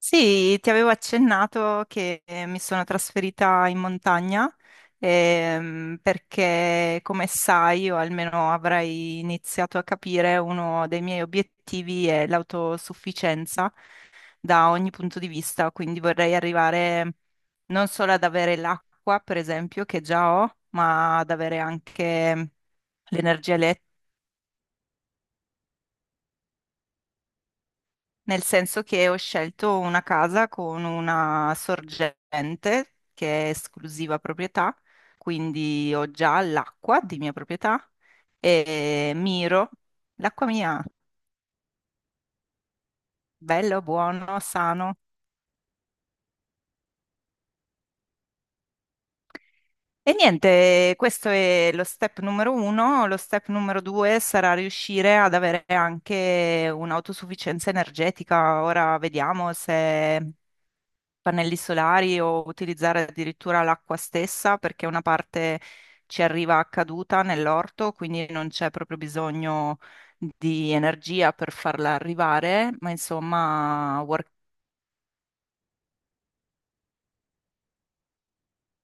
Sì, ti avevo accennato che mi sono trasferita in montagna perché, come sai, o almeno avrai iniziato a capire, uno dei miei obiettivi è l'autosufficienza da ogni punto di vista, quindi vorrei arrivare non solo ad avere l'acqua, per esempio, che già ho, ma ad avere anche l'energia elettrica nel senso che ho scelto una casa con una sorgente che è esclusiva proprietà, quindi ho già l'acqua di mia proprietà e miro l'acqua mia, bello, buono, sano. E niente, questo è lo step numero uno. Lo step numero due sarà riuscire ad avere anche un'autosufficienza energetica. Ora vediamo se pannelli solari o utilizzare addirittura l'acqua stessa perché una parte ci arriva a caduta nell'orto, quindi non c'è proprio bisogno di energia per farla arrivare, ma insomma,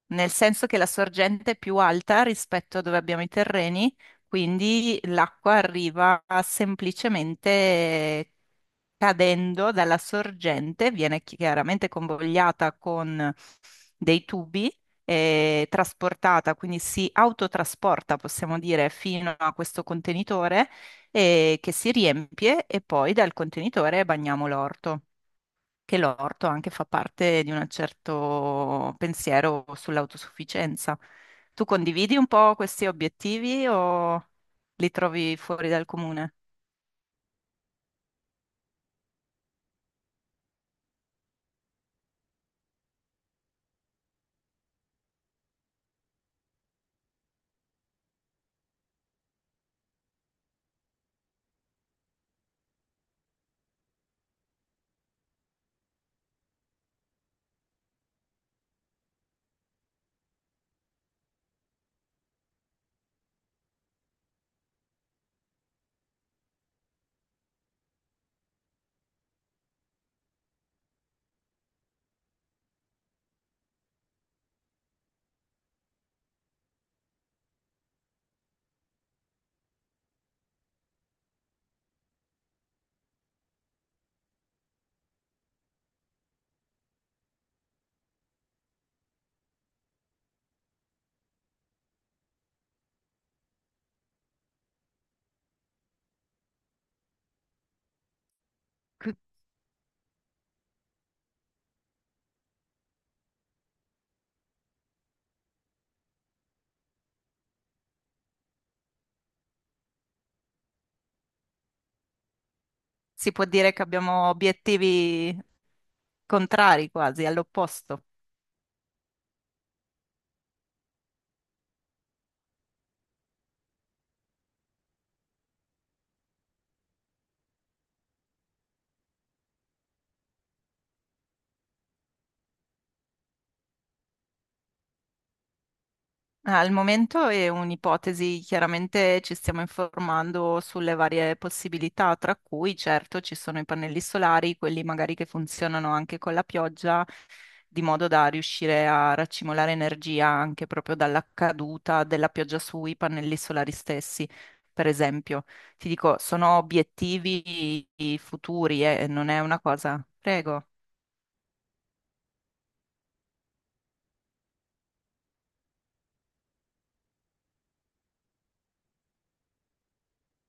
nel senso che la sorgente è più alta rispetto a dove abbiamo i terreni, quindi l'acqua arriva semplicemente cadendo dalla sorgente, viene chiaramente convogliata con dei tubi trasportata, quindi si autotrasporta, possiamo dire, fino a questo contenitore che si riempie e poi dal contenitore bagniamo l'orto. Che l'orto anche fa parte di un certo pensiero sull'autosufficienza. Tu condividi un po' questi obiettivi o li trovi fuori dal comune? Si può dire che abbiamo obiettivi contrari quasi, all'opposto. Ah, al momento è un'ipotesi, chiaramente ci stiamo informando sulle varie possibilità, tra cui certo ci sono i pannelli solari, quelli magari che funzionano anche con la pioggia, di modo da riuscire a raccimolare energia anche proprio dalla caduta della pioggia sui pannelli solari stessi, per esempio. Ti dico, sono obiettivi futuri e non è una cosa. Prego.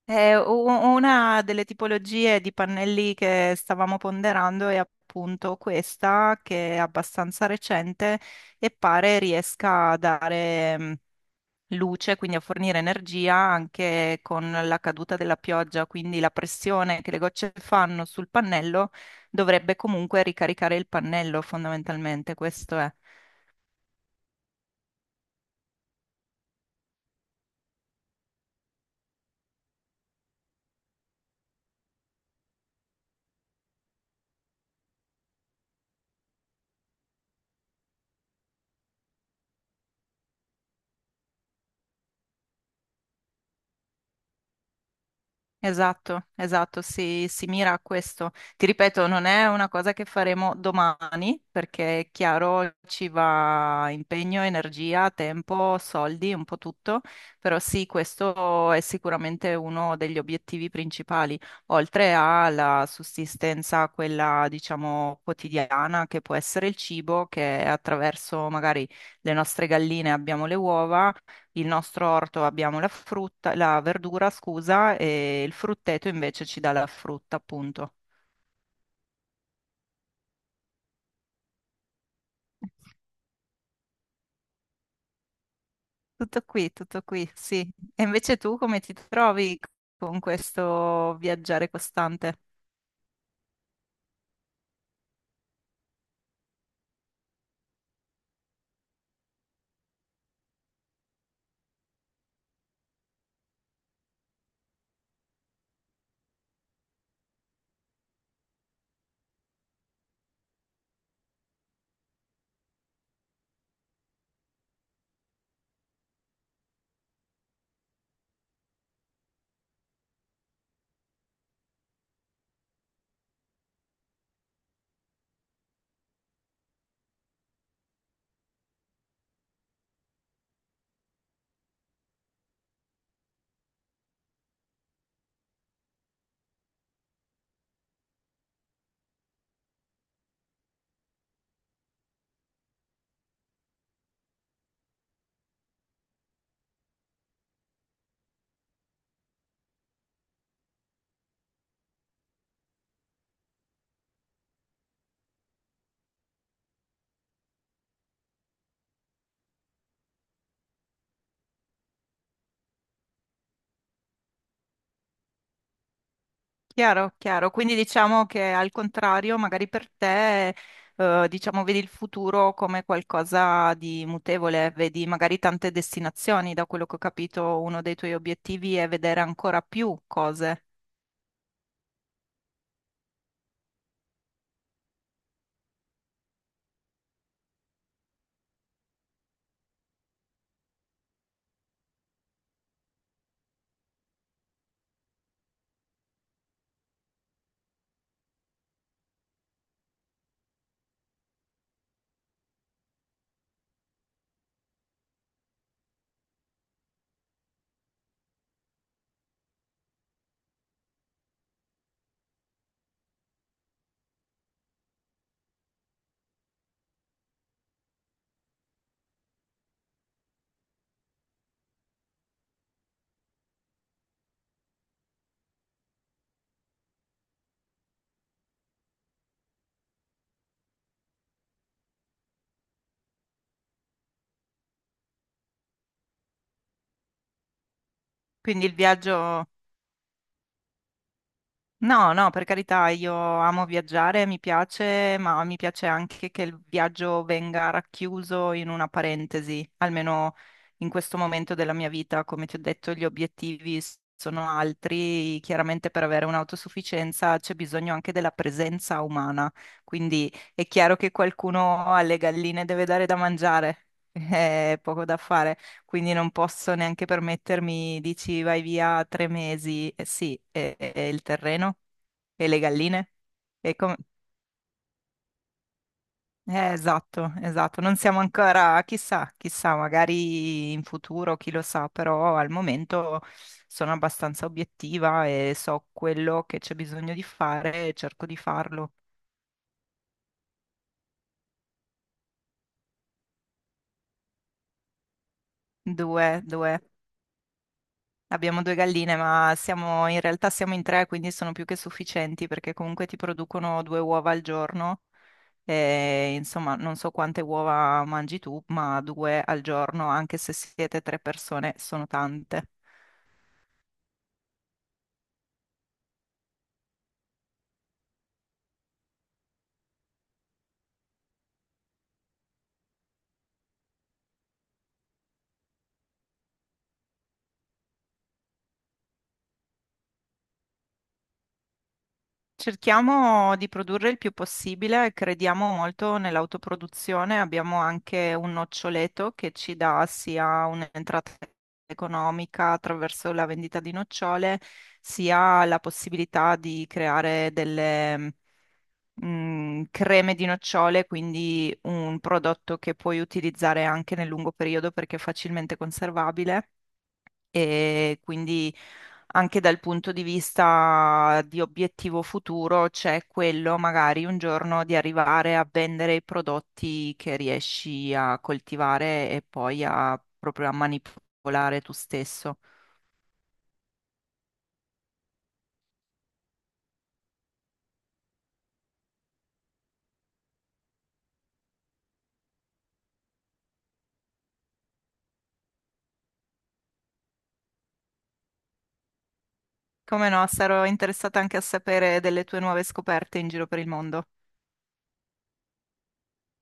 Una delle tipologie di pannelli che stavamo ponderando è appunto questa, che è abbastanza recente e pare riesca a dare luce, quindi a fornire energia anche con la caduta della pioggia, quindi la pressione che le gocce fanno sul pannello dovrebbe comunque ricaricare il pannello, fondamentalmente, questo è. Esatto, esatto, si mira a questo. Ti ripeto, non è una cosa che faremo domani, perché è chiaro ci va impegno, energia, tempo, soldi, un po' tutto, però sì, questo è sicuramente uno degli obiettivi principali, oltre alla sussistenza, quella diciamo quotidiana, che può essere il cibo, che attraverso magari le nostre galline abbiamo le uova. Il nostro orto abbiamo la frutta, la verdura, scusa, e il frutteto invece ci dà la frutta, appunto. Tutto qui, sì. E invece tu come ti trovi con questo viaggiare costante? Chiaro, chiaro. Quindi diciamo che al contrario, magari per te, diciamo, vedi il futuro come qualcosa di mutevole, vedi magari tante destinazioni. Da quello che ho capito, uno dei tuoi obiettivi è vedere ancora più cose. Quindi il viaggio. No, no, per carità, io amo viaggiare, mi piace, ma mi piace anche che il viaggio venga racchiuso in una parentesi, almeno in questo momento della mia vita, come ti ho detto, gli obiettivi sono altri, chiaramente per avere un'autosufficienza c'è bisogno anche della presenza umana, quindi è chiaro che qualcuno alle galline deve dare da mangiare, è poco da fare quindi non posso neanche permettermi, dici vai via 3 mesi, eh sì, e il terreno e le galline. E com- esatto, esatto, non siamo ancora, chissà, chissà, magari in futuro, chi lo sa, però al momento sono abbastanza obiettiva e so quello che c'è bisogno di fare e cerco di farlo. Due, due. Abbiamo due galline, ma siamo, in realtà siamo in tre, quindi sono più che sufficienti perché comunque ti producono due uova al giorno. E, insomma, non so quante uova mangi tu, ma due al giorno, anche se siete tre persone, sono tante. Cerchiamo di produrre il più possibile, crediamo molto nell'autoproduzione, abbiamo anche un noccioleto che ci dà sia un'entrata economica attraverso la vendita di nocciole, sia la possibilità di creare delle creme di nocciole, quindi un prodotto che puoi utilizzare anche nel lungo periodo perché è facilmente conservabile e quindi anche dal punto di vista di obiettivo futuro c'è quello magari un giorno di arrivare a vendere i prodotti che riesci a coltivare e poi a proprio a manipolare tu stesso. Come no, sarò interessata anche a sapere delle tue nuove scoperte in giro per il mondo.